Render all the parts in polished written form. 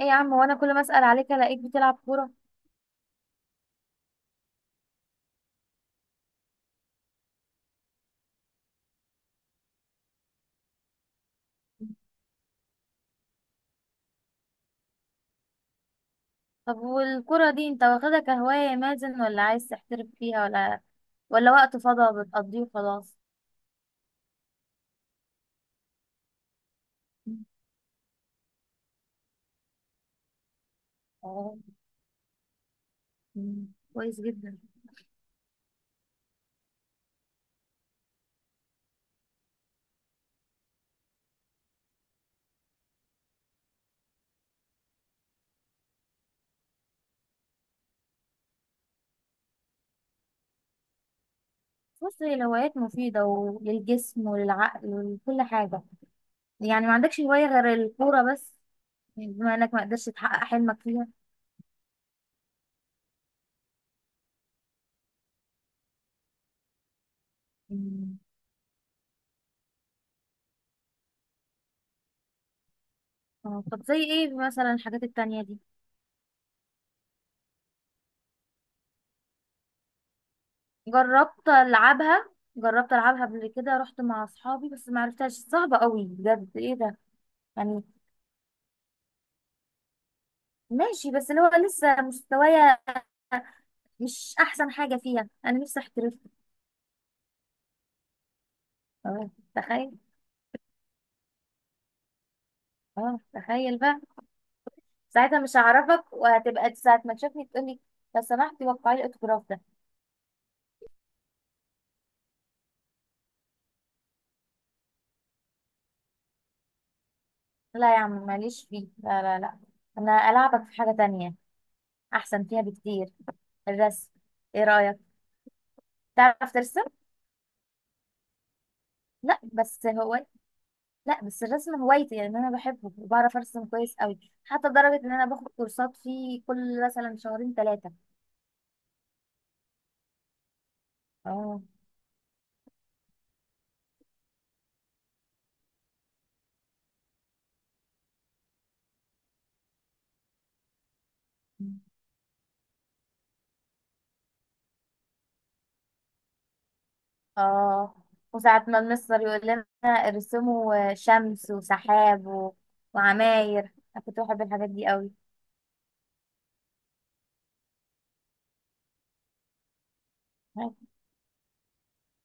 ايه يا عم، وانا كل ما اسال عليك الاقيك بتلعب كوره؟ طب والكوره دي انت واخدها كهوايه يا مازن، ولا عايز تحترف فيها، ولا وقت فضا بتقضيه وخلاص؟ اه. مم. كويس جدا. بص، هي الهوايات مفيده وللجسم وللعقل ولكل حاجه، يعني ما عندكش هوايه غير الكوره بس، بما انك ما قدرتش تحقق حلمك فيها؟ مم. اه، طب زي ايه مثلا الحاجات التانية دي؟ جربت العبها جربت العبها قبل كده، رحت مع اصحابي بس ما عرفتهاش، صعبه قوي بجد، ايه ده؟ يعني ماشي، بس اللي هو لسه مستوايا مش احسن حاجه فيها، انا نفسي احترف. اه تخيل. اه تخيل بقى، ساعتها مش هعرفك، وهتبقى ساعه ما تشوفني تقولي: لو سمحتي وقعي لي الاوتوجراف ده. لا يا عم، ماليش فيه، لا لا لا. انا العبك في حاجه تانية احسن فيها بكتير. الرسم، ايه رايك؟ تعرف ترسم؟ لا بس هو لا بس الرسم هوايتي، يعني انا بحبه وبعرف ارسم كويس قوي، حتى لدرجه ان انا باخد كورسات فيه كل مثلا شهرين ثلاثه. اه. اه، وساعة ما المستر يقول لنا: ارسموا شمس وسحاب وعماير، انا كنت بحب الحاجات دي قوي.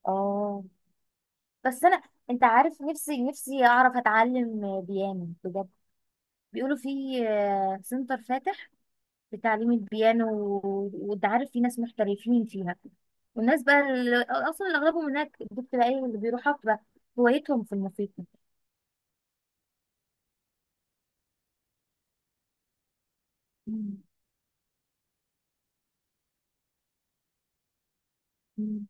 اه بس انا، انت عارف، نفسي اعرف اتعلم بيانو بجد. بيقولوا في سنتر فاتح لتعليم البيانو، وانت عارف في ناس محترفين فيها، والناس بقى اللي اغلبهم هناك دول بتبقى ايه، اللي بيروحوا بقى هوايتهم في الموسيقى. مم. مم.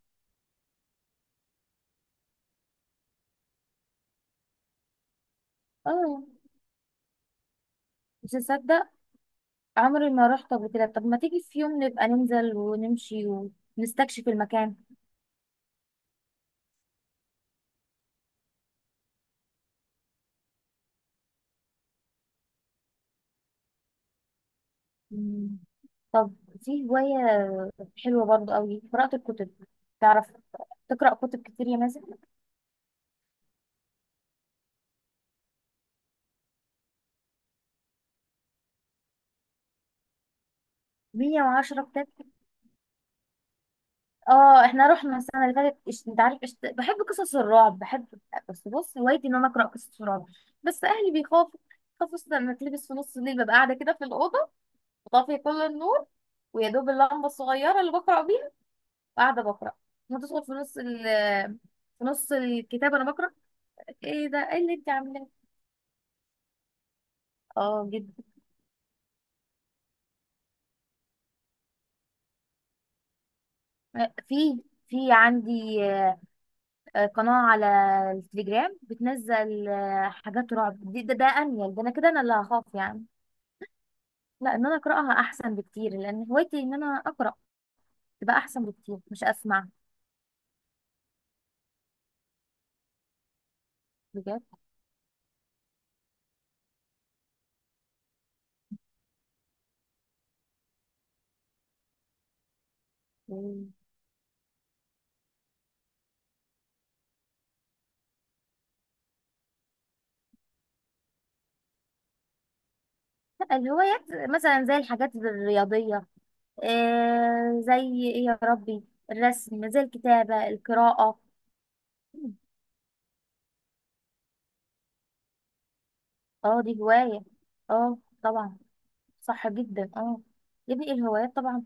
اه. مش هتصدق، عمري ما رحت قبل كده، طب ما تيجي في يوم نبقى ننزل ونمشي ونستكشف المكان. مم. طب في هواية حلوة برضو قوي، قراءة الكتب، تعرف تقرأ كتب كتير يا مازن؟ 110 كتاب؟ اه، احنا رحنا السنة اللي فاتت، انت عارف، بحب قصص الرعب، بحب. بس بص، هوايتي ان انا اقرأ قصص الرعب، بس اهلي بيخافوا، خافوا أصلاً لما اتلبس في نص الليل، ببقى قاعدة كده في الأوضة وطافية كل النور، ويا دوب اللمبة الصغيرة اللي بقرأ، وقاعده بقرا، هتدخل في نص الكتاب انا بقرا. ايه ده؟ ايه اللي انت عاملاه؟ اه جدا. في في عندي قناه على التليجرام بتنزل حاجات رعب، ده انيل، ده انا كده، انا اللي هخاف يعني. لا، ان انا اقراها احسن بكتير، لان هوايتي ان انا اقرا تبقى احسن بكتير، مش اسمع. بجد. مم. لا، الهوايات مثلا زي الحاجات الرياضيه، زي ايه؟ يا ربي، الرسم، زي الكتابه، القراءه. اه دي هواية. اه طبعا. صح جدا اه. يا ابني الهوايات طبعا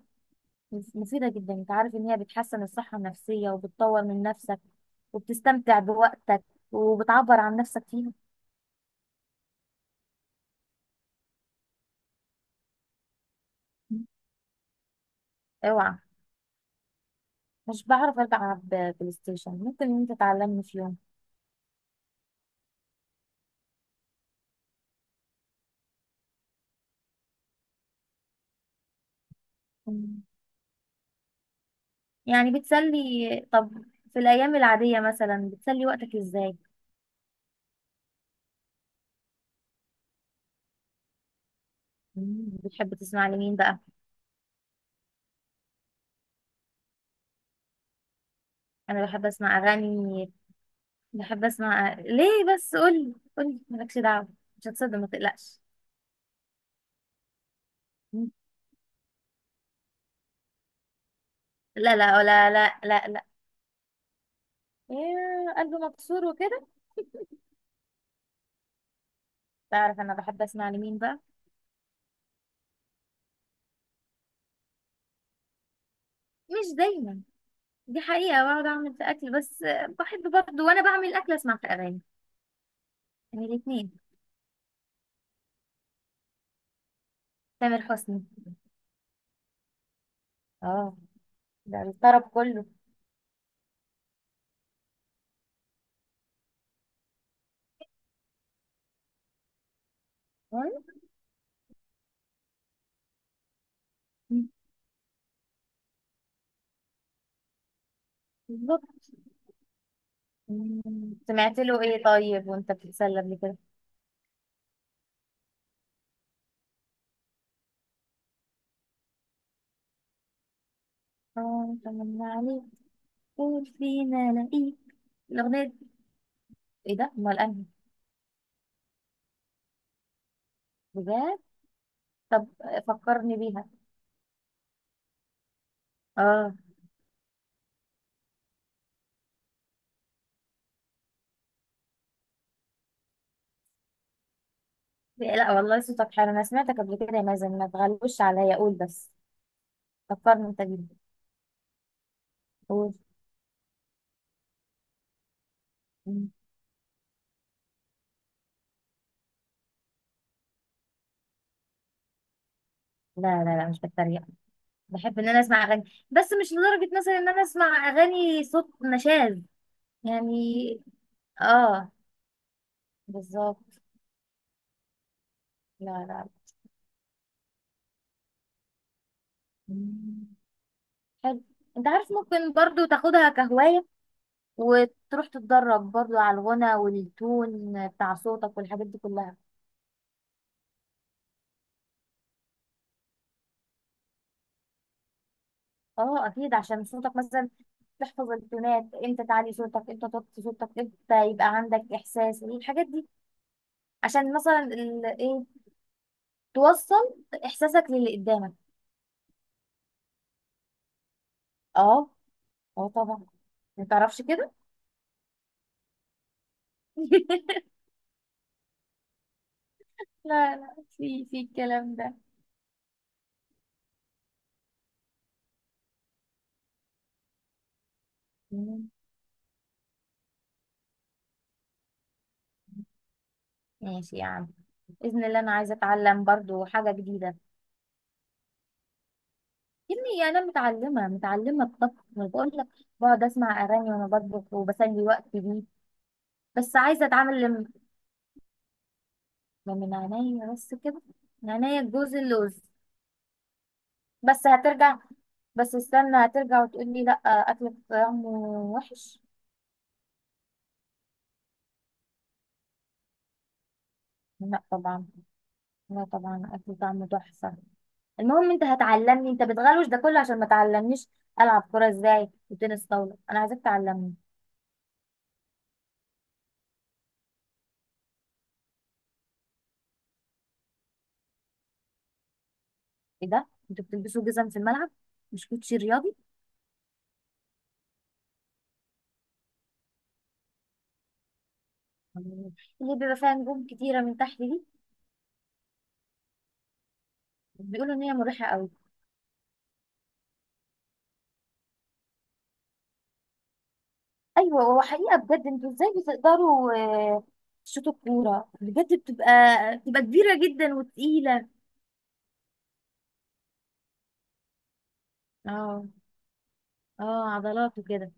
مفيدة جدا، انت عارف ان هي بتحسن الصحة النفسية وبتطور من نفسك وبتستمتع بوقتك وبتعبر عن نفسك فيها. اوعى! مش بعرف العب بلاي ستيشن، ممكن ان انت تعلمني في يوم. مم. يعني بتسلي. طب في الايام العادية مثلا بتسلي وقتك ازاي؟ مم. بتحب تسمع لمين بقى؟ انا بحب اسمع اغاني، بحب اسمع ليه بس، قولي، قولي مالكش دعوة. مش هتصدق، ما تقلقش. لا لا لا لا لا لا، يا قلبي مكسور وكده. تعرف انا بحب اسمع لمين بقى؟ مش دايما، دي حقيقة بقعد اعمل في اكل بس، بحب برضه وانا بعمل الاكل اسمع في اغاني، يعني الاتنين. تامر حسني. اه، ده الطرب كله. مم. بالظبط. مم. سمعت له ايه؟ طيب وانت بتتسلى قبل كده؟ اه، طمنا عليك، قول فينا لقيك، الاغنية دي- ايه ده؟ امال انا؟ بجد؟ طب فكرني بيها، اه. لا والله صوتك حلو، انا سمعتك قبل كده يا مازن، ما تغلوش عليا، قول بس فكرني انت بيها. قول. مم. لا لا لا، مش بتريق، بحب ان انا اسمع اغاني، بس مش لدرجة مثلا ان انا اسمع اغاني صوت نشاز. يعني اه، بالظبط. لا لا لا. مم. حلو. انت عارف ممكن برضو تاخدها كهواية، وتروح تتدرب برضو على الغنى والتون بتاع صوتك والحاجات دي كلها. اه اكيد، عشان صوتك مثلا تحفظ التونات، امتى تعلي صوتك، امتى توطي صوتك، امتى يبقى عندك احساس الحاجات دي، عشان مثلا ال... ايه توصل احساسك للي قدامك. اه. اه طبعا. ما تعرفش كده؟ لا لا، في الكلام ده. مم. ماشي يا عم، باذن الله انا عايزه اتعلم برضو حاجه جديده. يا ابني انا متعلمه، متعلمه الطبخ بقول لك، بقعد اسمع اغاني وانا بطبخ وبسلي وقتي بيه. بس عايزه اتعامل ده من عينيا، بس كده، من عينيا الجوز اللوز. بس هترجع بس استنى، هترجع وتقول لي: لا، اكلك طعمه وحش. لا طبعا، لا طبعا، اكل طعمه تحفه. المهم انت هتعلمني، انت بتغلوش ده كله عشان ما تعلمنيش العب كوره ازاي وتنس طاوله، انا عايزاك تعلمني. ايه ده؟ انتوا بتلبسوا جزم في الملعب؟ مش كوتشي رياضي؟ اللي بيبقى فيها نجوم كتيره من تحت دي؟ بيقولوا ان هي مريحه قوي. ايوه، هو حقيقه بجد انتوا ازاي بتقدروا آه، تشوطوا الكوره؟ بجد بتبقى كبيره جدا وتقيله. اه. اه، عضلات وكده.